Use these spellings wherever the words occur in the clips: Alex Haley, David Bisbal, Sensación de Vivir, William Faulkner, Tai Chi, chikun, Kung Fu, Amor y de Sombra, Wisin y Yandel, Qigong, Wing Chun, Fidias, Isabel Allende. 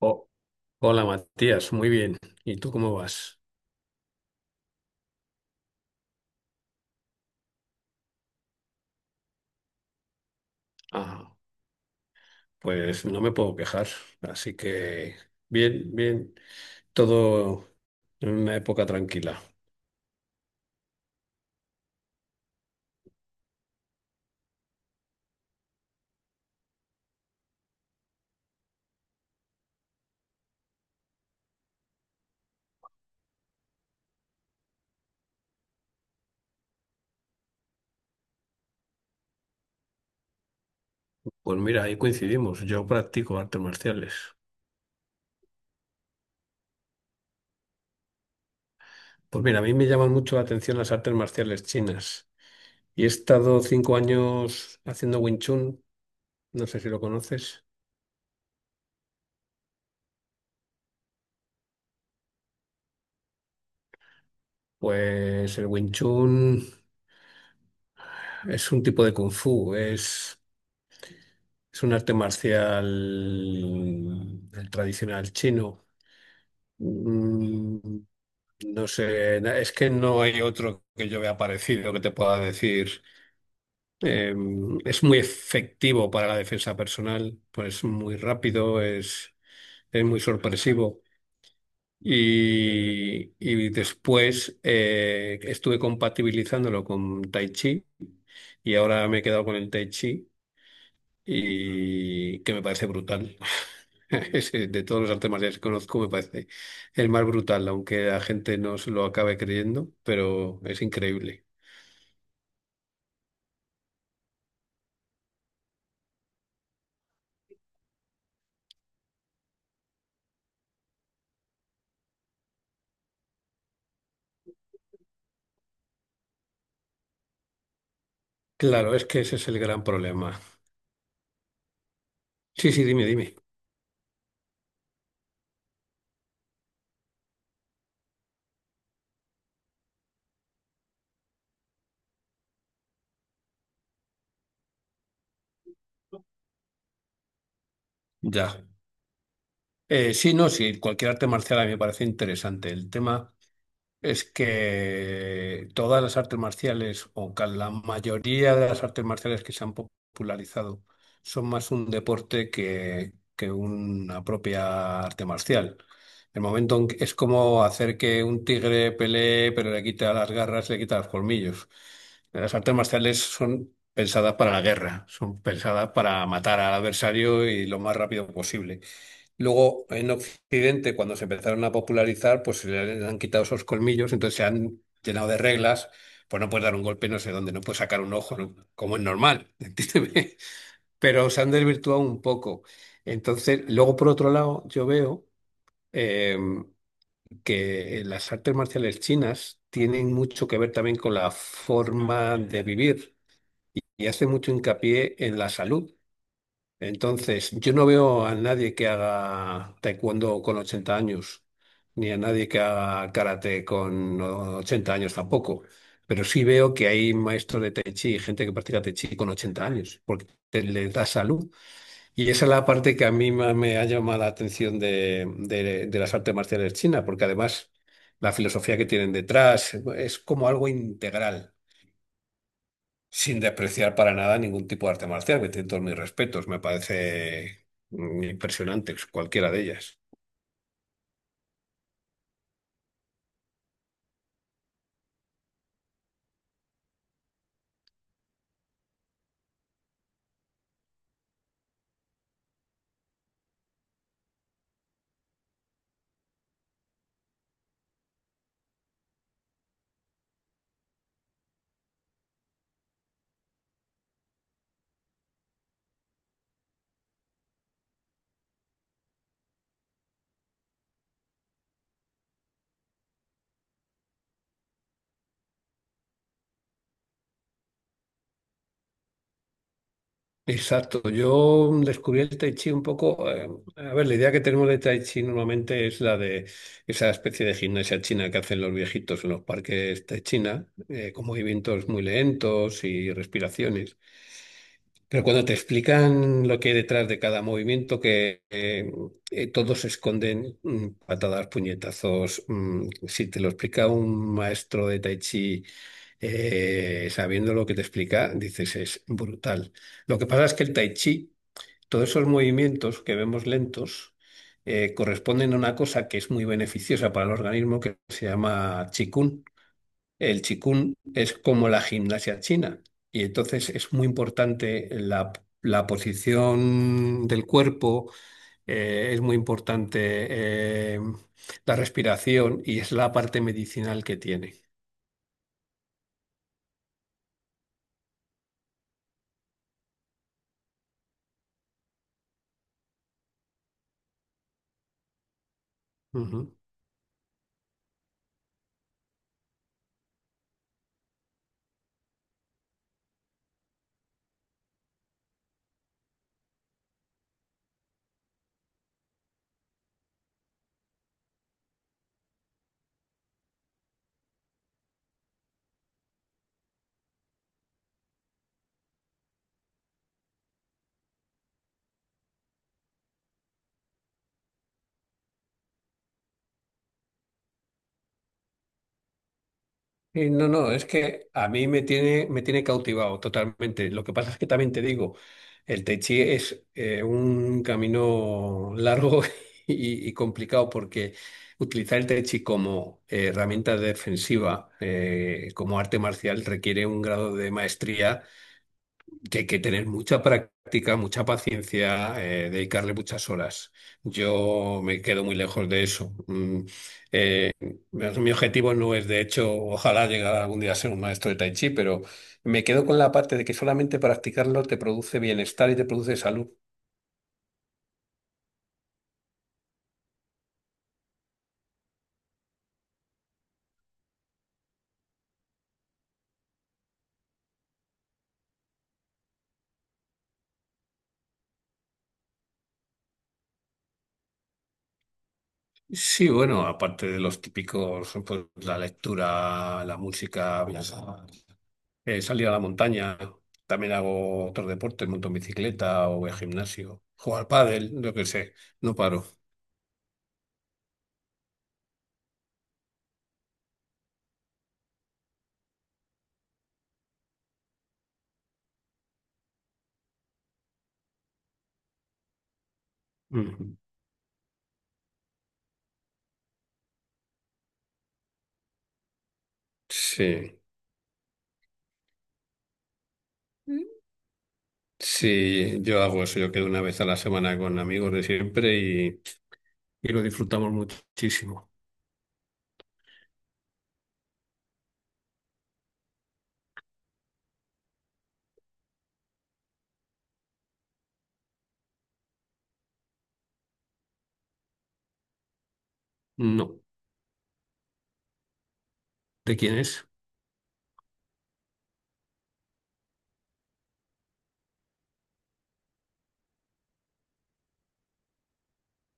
Oh, hola Matías, muy bien. ¿Y tú cómo vas? Ah, pues no me puedo quejar, así que bien, bien, todo en una época tranquila. Pues mira, ahí coincidimos, yo practico artes marciales. Pues mira, a mí me llaman mucho la atención las artes marciales chinas y he estado 5 años haciendo Wing Chun, no sé si lo conoces. Pues el Wing Chun es un tipo de Kung Fu, es un arte marcial, el tradicional chino. Mm, No sé, es que no hay otro que yo vea parecido que te pueda decir. Eh, es muy efectivo para la defensa personal, pues es muy rápido, es muy sorpresivo. Y después, estuve compatibilizándolo con Tai Chi, y ahora me he quedado con el Tai Chi, y que me parece brutal. De todos los artes marciales que conozco, me parece el más brutal, aunque la gente no se lo acabe creyendo, pero es increíble. Claro, es que ese es el gran problema. Sí, sí, dime, dime. Ya. Sí, no, sí, cualquier arte marcial a mí me parece interesante. El tema. Es que todas las artes marciales, o la mayoría de las artes marciales que se han popularizado, son más un deporte que una propia arte marcial. El momento en que- Es como hacer que un tigre pelee, pero le quita las garras, le quita los colmillos. Las artes marciales son pensadas para la guerra, son pensadas para matar al adversario y lo más rápido posible. Luego, en Occidente, cuando se empezaron a popularizar, pues se le han quitado esos colmillos, entonces se han llenado de reglas; pues no puedes dar un golpe no sé dónde, no puedes sacar un ojo, ¿no?, como es normal, entiéndeme. Pero se han desvirtuado un poco. Entonces, luego por otro lado, yo veo eh, que las artes marciales chinas tienen mucho que ver también con la forma de vivir y hace mucho hincapié en la salud. Entonces, yo no veo a nadie que haga taekwondo con 80 años, ni a nadie que haga karate con 80 años tampoco. Pero sí veo que hay maestros de tai chi y gente que practica tai chi con 80 años, porque les da salud. Y esa es la parte que a mí me ha llamado la atención de, de las artes marciales chinas, porque además la filosofía que tienen detrás es como algo integral, sin despreciar para nada ningún tipo de arte marcial, que tiene todos mis respetos. Me parece impresionante cualquiera de ellas. Exacto, yo descubrí el Tai Chi un poco, a ver, la idea que tenemos de Tai Chi normalmente es la de esa especie de gimnasia china que hacen los viejitos en los parques de China, con movimientos muy lentos y respiraciones. Pero cuando te explican lo que hay detrás de cada movimiento, que todos se esconden patadas, puñetazos. Si te lo explica un maestro de Tai Chi, sabiendo lo que te explica, dices, es brutal. Lo que pasa es que el Tai Chi, todos esos movimientos que vemos lentos, corresponden a una cosa que es muy beneficiosa para el organismo, que se llama Qigong. El chikun es como la gimnasia china, y entonces es muy importante la posición del cuerpo, es muy importante eh, la respiración, y es la parte medicinal que tiene. Ujú. Sí, no, no, es que a mí me tiene cautivado totalmente. Lo que pasa es que también te digo, el Tai Chi es un camino largo, y complicado, porque utilizar el Tai Chi como herramienta defensiva, como arte marcial, requiere un grado de maestría, que hay que tener mucha práctica, mucha paciencia, dedicarle muchas horas. Yo me quedo muy lejos de eso. Verás, mi objetivo no es, de hecho, ojalá llegar algún día a ser un maestro de Tai Chi, pero me quedo con la parte de que solamente practicarlo te produce bienestar y te produce salud. Sí, bueno, aparte de los típicos, pues, la lectura, la música, salir a la montaña, también hago otros deportes, monto en bicicleta o voy al gimnasio, jugar pádel, lo que sé, no paro. Ujú. Sí, sí, yo hago eso, yo quedo una vez a la semana con amigos de siempre y lo disfrutamos muchísimo. No. ¿De quién es?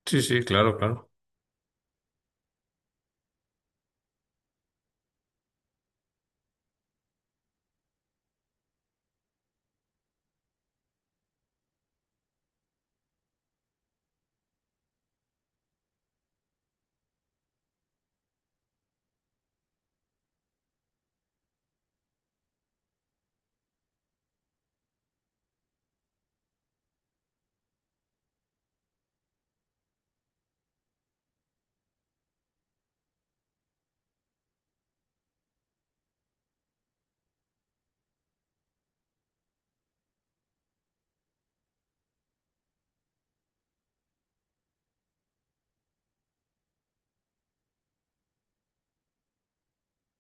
Sí, sí, claro, claro.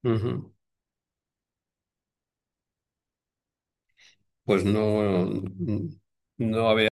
Ujú. Pues no, mm, no,